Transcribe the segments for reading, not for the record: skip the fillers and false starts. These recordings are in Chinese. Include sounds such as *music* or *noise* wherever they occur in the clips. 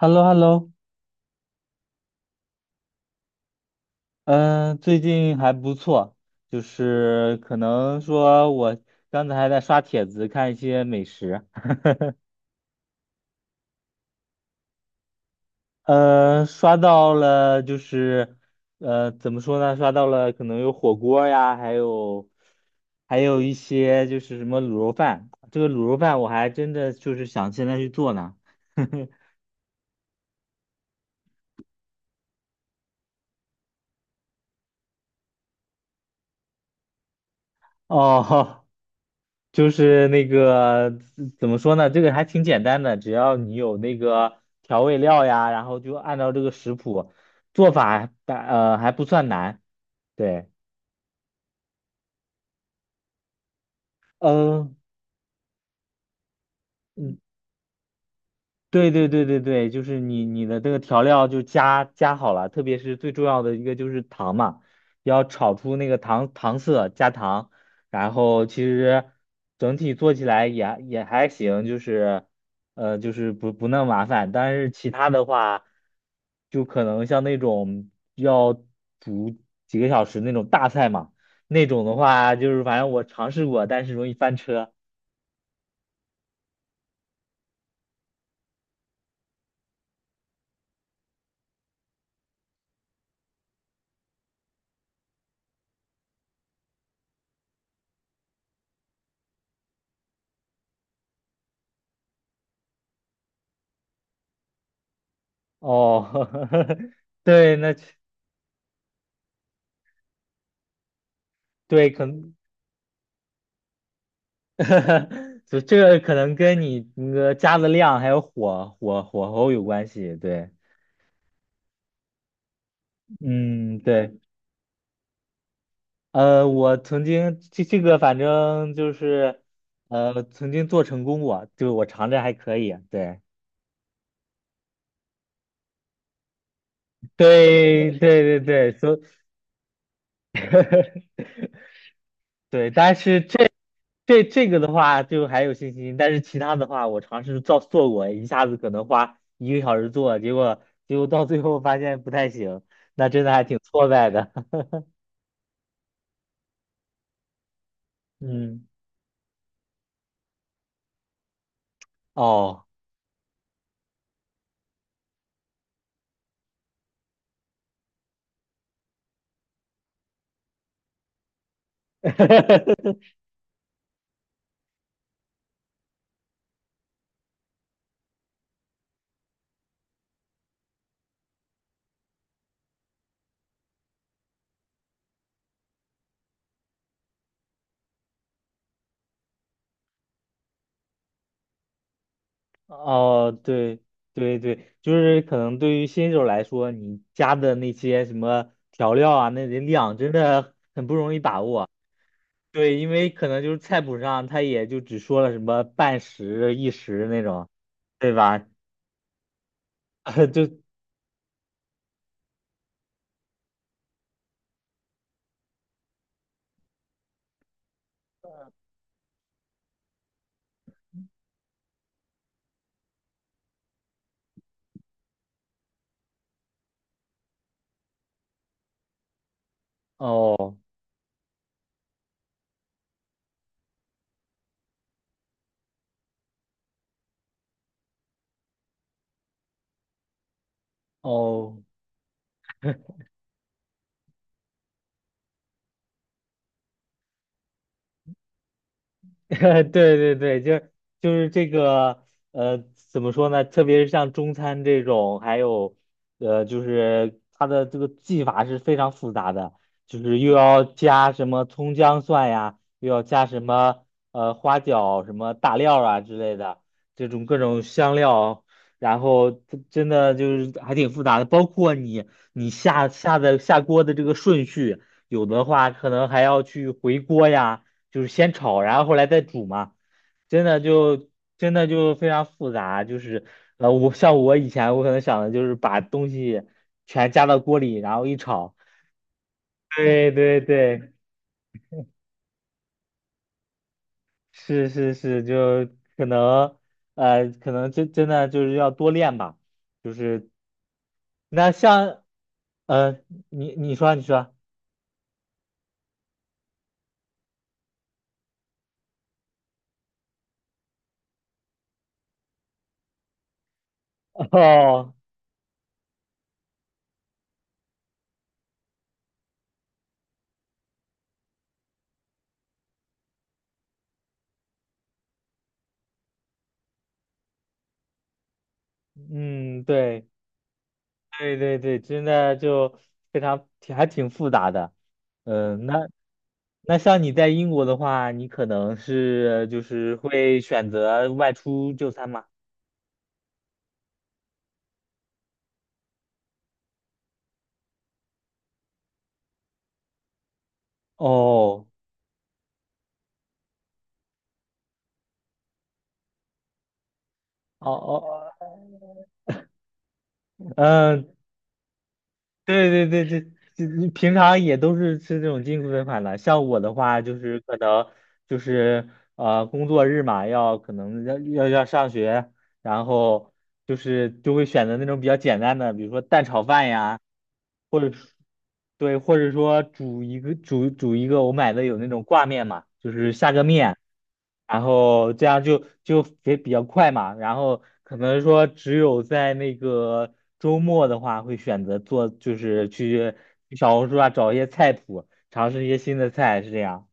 h e l l o h e l l o 嗯，最近还不错，就是可能说我刚才还在刷帖子看一些美食，刷到了就是，怎么说呢？刷到了可能有火锅呀，还有一些就是什么卤肉饭，这个卤肉饭我还真的就是想现在去做呢。*laughs* 哦，就是那个怎么说呢？这个还挺简单的，只要你有那个调味料呀，然后就按照这个食谱做法还不算难。对，嗯，对对对对对，就是你的这个调料就加加好了，特别是最重要的一个就是糖嘛，要炒出那个糖色，加糖，然后其实整体做起来也还行，就是就是不那么麻烦，但是其他的话，就可能像那种要煮几个小时那种大菜嘛，那种的话就是反正我尝试过，但是容易翻车哦，*laughs* 对，那对可能。*laughs* 就这个可能跟你那个加的量还有火候有关系，对，嗯，对，我曾经这个反正就是，曾经做成功过，就我尝着还可以，对，对，对对对，所对，但是这个的话就还有信心，但是其他的话我尝试做过，一下子可能花1个小时做，结果到最后发现不太行，那真的还挺挫败的，*laughs* 嗯。哦，*laughs* 哦，对对对，就是可能对于新手来说，你加的那些什么调料啊，那得量真的很不容易把握。对，因为可能就是菜谱上他也就只说了什么半匙、一时那种，对吧？*laughs* 就哦哦。*laughs* 对对对，就是这个，呃，怎么说呢？特别是像中餐这种，还有，就是它的这个技法是非常复杂的，就是又要加什么葱姜蒜呀，又要加什么花椒、什么大料啊之类的，这种各种香料，然后它真的就是还挺复杂的，包括你下锅的这个顺序，有的话可能还要去回锅呀。就是先炒，然后后来再煮嘛，真的就真的就非常复杂，就是我以前我可能想的就是把东西全加到锅里，然后一炒，对对对，是是是，就可能可能真的就是要多练吧，就是那像呃，你说 *laughs* 哦，嗯，对对对对，真的就非常挺还挺复杂的。嗯，那像你在英国的话，你可能是就是会选择外出就餐吗？哦哦哦，哦，嗯，对对对对，就你平常也都是吃这种进口款的。像我的话，就是可能就是工作日嘛，可能要上学，然后就会选择那种比较简单的，比如说蛋炒饭呀，或者是对，或者说煮一个，我买的有那种挂面嘛，就是下个面，然后这样就也比较快嘛，然后可能说只有在那个周末的话，会选择做就是去小红书啊找一些菜谱，尝试一些新的菜，是这样。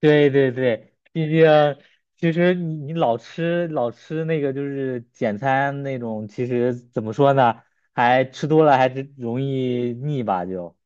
对对对，毕竟其实你老吃那个就是简餐那种，其实怎么说呢，还吃多了还是容易腻吧就。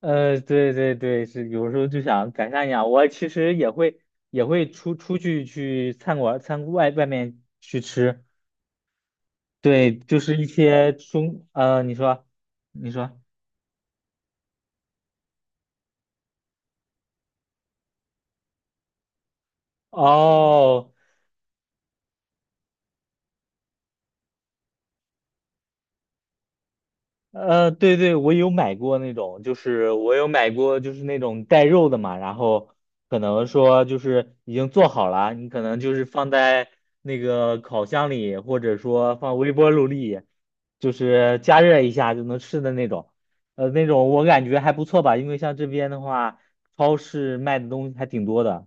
对对对，是有时候就想改善一下。我其实也会出去餐馆餐外外面去吃，对，就是一些你说哦。对对，我有买过那种，就是我有买过，就是那种带肉的嘛，然后可能说就是已经做好了，你可能就是放在那个烤箱里，或者说放微波炉里，就是加热一下就能吃的那种。那种我感觉还不错吧，因为像这边的话，超市卖的东西还挺多的。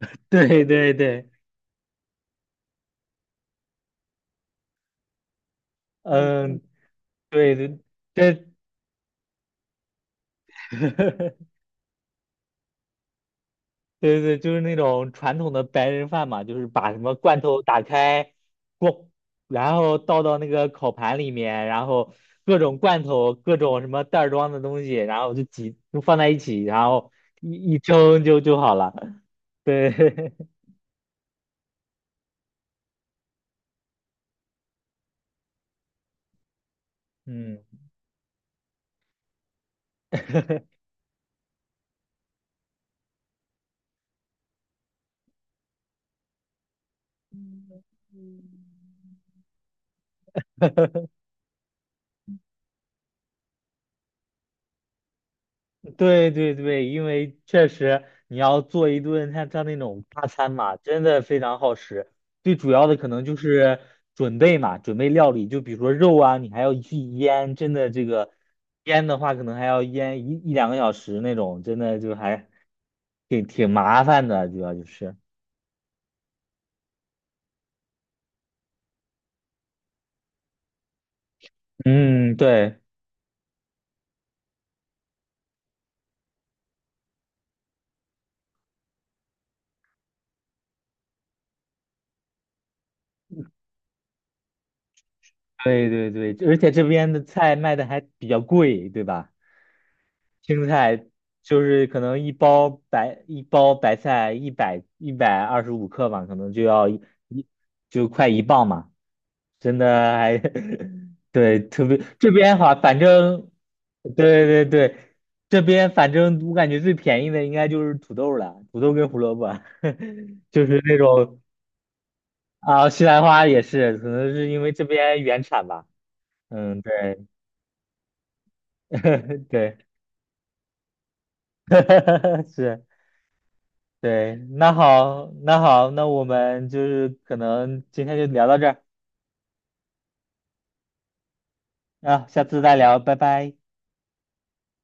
*laughs* 对对对，嗯，对对对。*laughs* 对对，对，就是那种传统的白人饭嘛，就是把什么罐头打开，咣，然后倒到那个烤盘里面，然后各种罐头、各种什么袋儿装的东西，然后就挤，就放在一起，然后一蒸就好了。*laughs* 对，*laughs* 嗯，*laughs* 对对对，因为确实你要做一顿像那种大餐嘛，真的非常耗时。最主要的可能就是准备嘛，准备料理，就比如说肉啊，你还要去腌，真的这个腌的话，可能还要腌一两个小时那种，真的就还挺麻烦的，主要就是。嗯，对对对对，而且这边的菜卖的还比较贵，对吧？青蔬菜就是可能一包白菜一百二十五克嘛，可能就要一就快1磅嘛，真的还 *laughs* 对特别这边哈，反正对对对，这边反正我感觉最便宜的应该就是土豆了，土豆跟胡萝卜，*laughs* 就是那种啊西兰花也是，可能是因为这边原产吧，嗯对 *laughs* 对，*laughs* 是。对，那好，那好，那我们就是可能今天就聊到这儿啊，下次再聊，拜拜。